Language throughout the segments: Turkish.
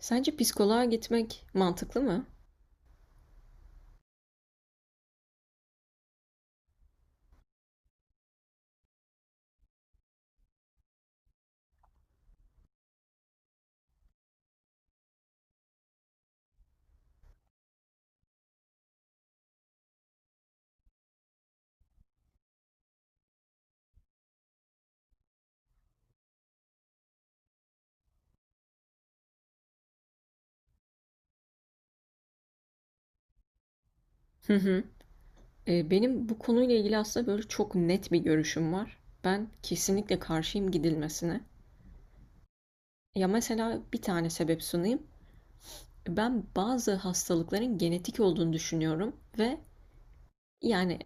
Sence psikoloğa gitmek mantıklı mı? Hı hı. Benim bu konuyla ilgili aslında böyle çok net bir görüşüm var. Ben kesinlikle karşıyım gidilmesine. Ya mesela bir tane sebep sunayım. Ben bazı hastalıkların genetik olduğunu düşünüyorum ve yani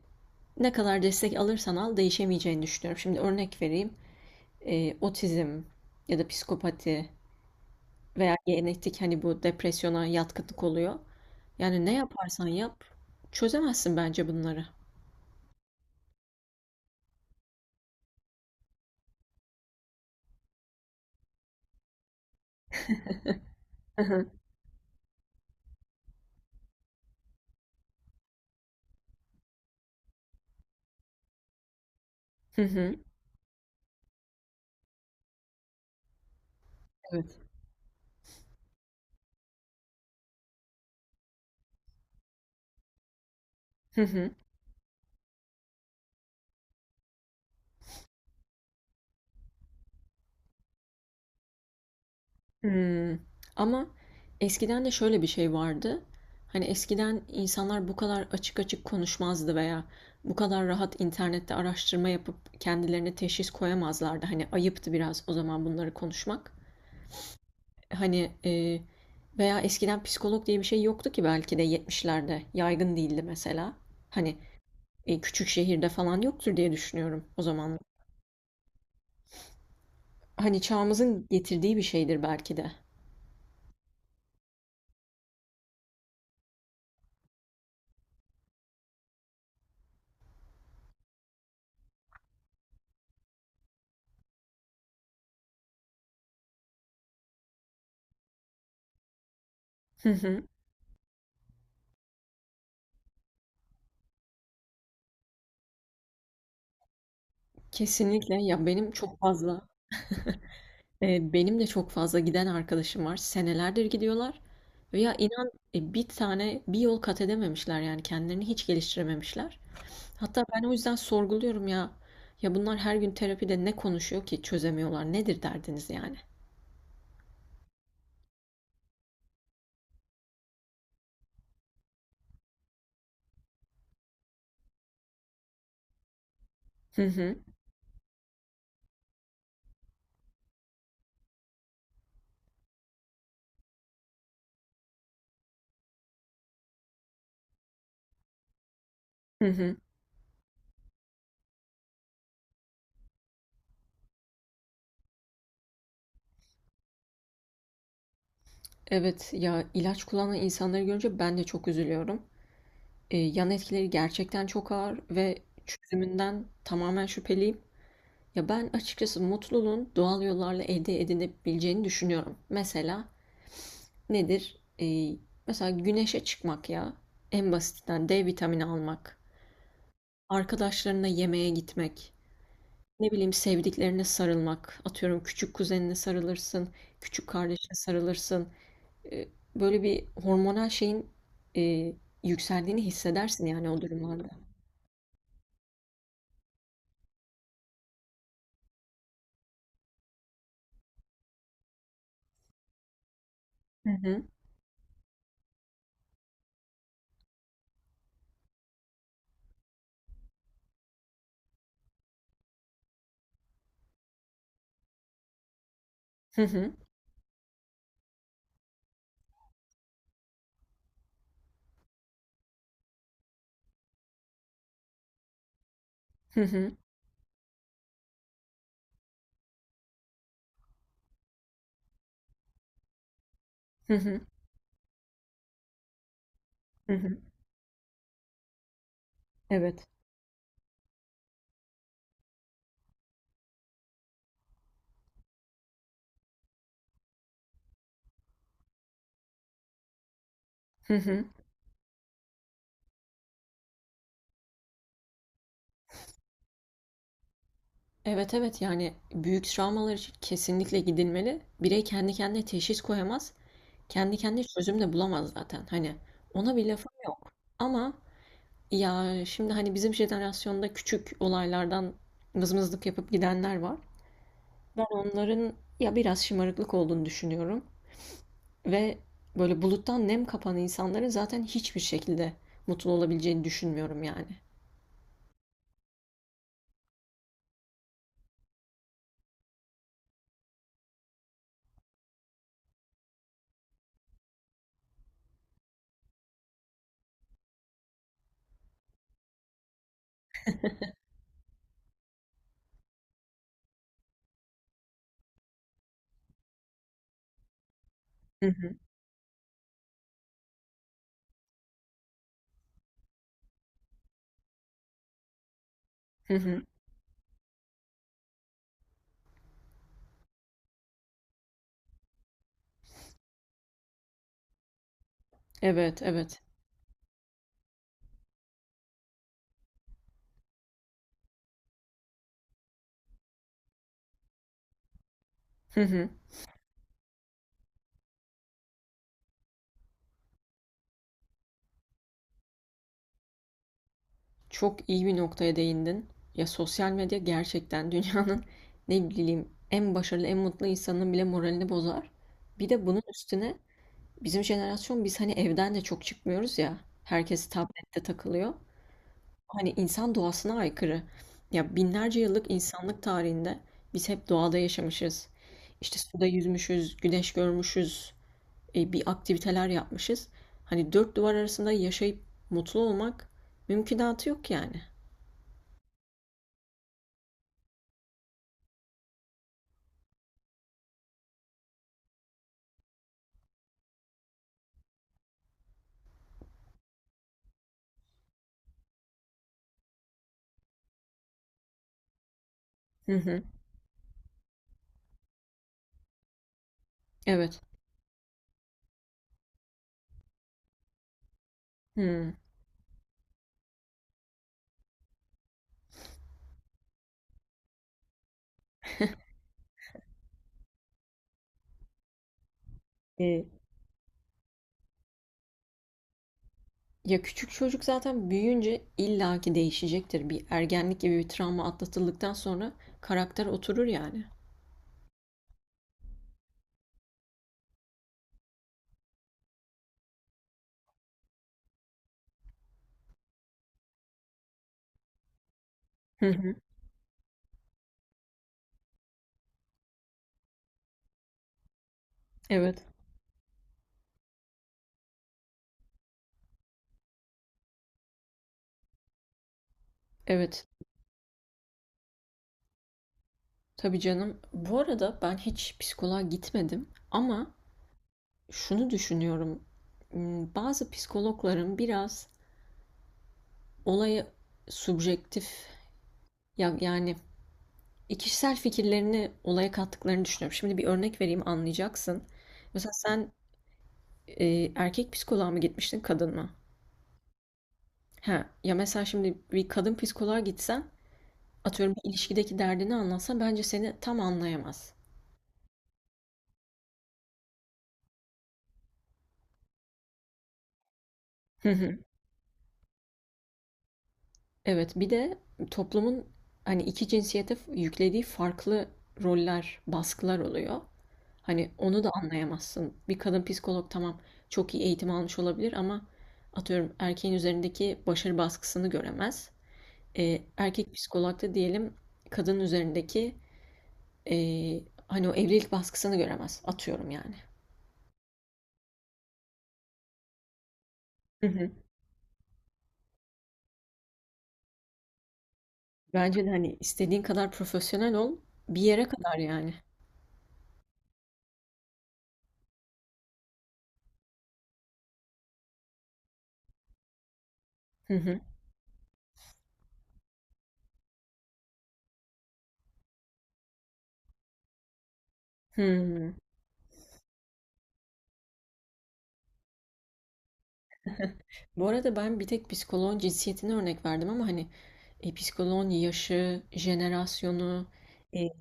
ne kadar destek alırsan al değişemeyeceğini düşünüyorum. Şimdi örnek vereyim. Otizm ya da psikopati veya genetik hani bu depresyona yatkınlık oluyor. Yani ne yaparsan yap çözemezsin bence bunları. Hı hı. Hı hı. Evet. Hı hı. Hımm. Ama eskiden de şöyle bir şey vardı. Hani eskiden insanlar bu kadar açık açık konuşmazdı veya bu kadar rahat internette araştırma yapıp kendilerine teşhis koyamazlardı. Hani ayıptı biraz o zaman bunları konuşmak. Hani veya eskiden psikolog diye bir şey yoktu ki belki de 70'lerde yaygın değildi mesela. Hani küçük şehirde falan yoktur diye düşünüyorum o zaman. Hani çağımızın getirdiği bir şeydir belki de. Hı hı. Kesinlikle. Ya, benim çok fazla, benim de çok fazla giden arkadaşım var. Senelerdir gidiyorlar ve ya inan, bir tane bir yol kat edememişler yani kendilerini hiç geliştirememişler. Hatta ben o yüzden sorguluyorum ya. Ya bunlar her gün terapide ne konuşuyor ki çözemiyorlar? Nedir derdiniz yani? Hı hı. Hı hı. Evet, ya ilaç kullanan insanları görünce ben de çok üzülüyorum. Yan etkileri gerçekten çok ağır ve çözümünden tamamen şüpheliyim. Ya ben açıkçası mutluluğun doğal yollarla elde edilebileceğini düşünüyorum. Mesela nedir? Mesela güneşe çıkmak ya. En basitinden D vitamini almak. Arkadaşlarına yemeğe gitmek. Ne bileyim sevdiklerine sarılmak. Atıyorum küçük kuzenine sarılırsın. Küçük kardeşine sarılırsın. Ee, Böyle bir hormonal şeyin e, yükseldiğini hissedersin yani o durumlarda. Hı hı. Hı hı. Hı hı. Hı hı. Hı hı. Evet. Evet, evet, yani büyük travmalar için kesinlikle gidilmeli. Birey kendi kendine teşhis koyamaz. Kendi kendine çözüm de bulamaz zaten. Hani ona bir lafım yok. Ama ya şimdi hani bizim jenerasyonda küçük olaylardan mızmızlık yapıp gidenler var. Ben onların ya biraz şımarıklık olduğunu düşünüyorum. Ve böyle buluttan nem kapan insanların zaten hiçbir şekilde mutlu olabileceğini düşünmüyorum yani. Hı hı, hı hı. Evet, evet. Hı hı. Çok iyi bir noktaya değindin. Ya sosyal medya gerçekten dünyanın ne bileyim en başarılı, en mutlu insanının bile moralini bozar. Bir de bunun üstüne bizim jenerasyon biz hani evden de çok çıkmıyoruz ya. Herkes tablette takılıyor. Hani insan doğasına aykırı. Ya binlerce yıllık insanlık tarihinde biz hep doğada yaşamışız. İşte suda yüzmüşüz, güneş görmüşüz, bir aktiviteler yapmışız. Hani dört duvar arasında yaşayıp mutlu olmak mümkünatı yok yani. Hı hı. Evet. Hmm. E, Ya küçük çocuk zaten büyüyünce illaki değişecektir. Bir ergenlik gibi bir travma atlatıldıktan sonra karakter oturur yani. Hı hı. Evet. Evet. Tabii canım. Bu arada ben hiç psikoloğa gitmedim ama şunu düşünüyorum. Hmm, bazı psikologların biraz olaya subjektif ya yani kişisel fikirlerini olaya kattıklarını düşünüyorum. Şimdi bir örnek vereyim anlayacaksın. Mesela sen erkek psikoloğa mı gitmiştin, kadın mı? Ha, ya mesela şimdi bir kadın psikoloğa gitsen, atıyorum bir ilişkideki derdini anlatsa bence seni tam anlayamaz. Hı hı. Evet, bir de toplumun hani iki cinsiyete yüklediği farklı roller, baskılar oluyor. Hani onu da anlayamazsın. Bir kadın psikolog tamam çok iyi eğitim almış olabilir ama atıyorum erkeğin üzerindeki başarı baskısını göremez. Erkek psikolog da diyelim kadının üzerindeki o evlilik baskısını göremez. Atıyorum yani. Hı hı. Bence de, hani, istediğin kadar profesyonel ol, bir yere kadar yani. Hı hı. Hımm. Bu arada ben bir tek psikoloğun cinsiyetini örnek verdim ama, hani, psikoloğun yaşı, jenerasyonu, eee,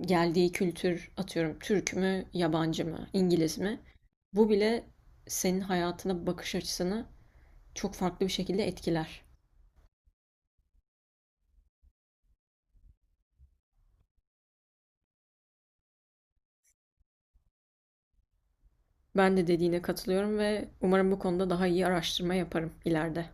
geldiği kültür, atıyorum Türk mü, yabancı mı, İngiliz mi? Bu bile senin hayatına bakış açısını çok farklı bir şekilde etkiler. Ben de dediğine katılıyorum ve umarım bu konuda daha iyi araştırma yaparım ileride.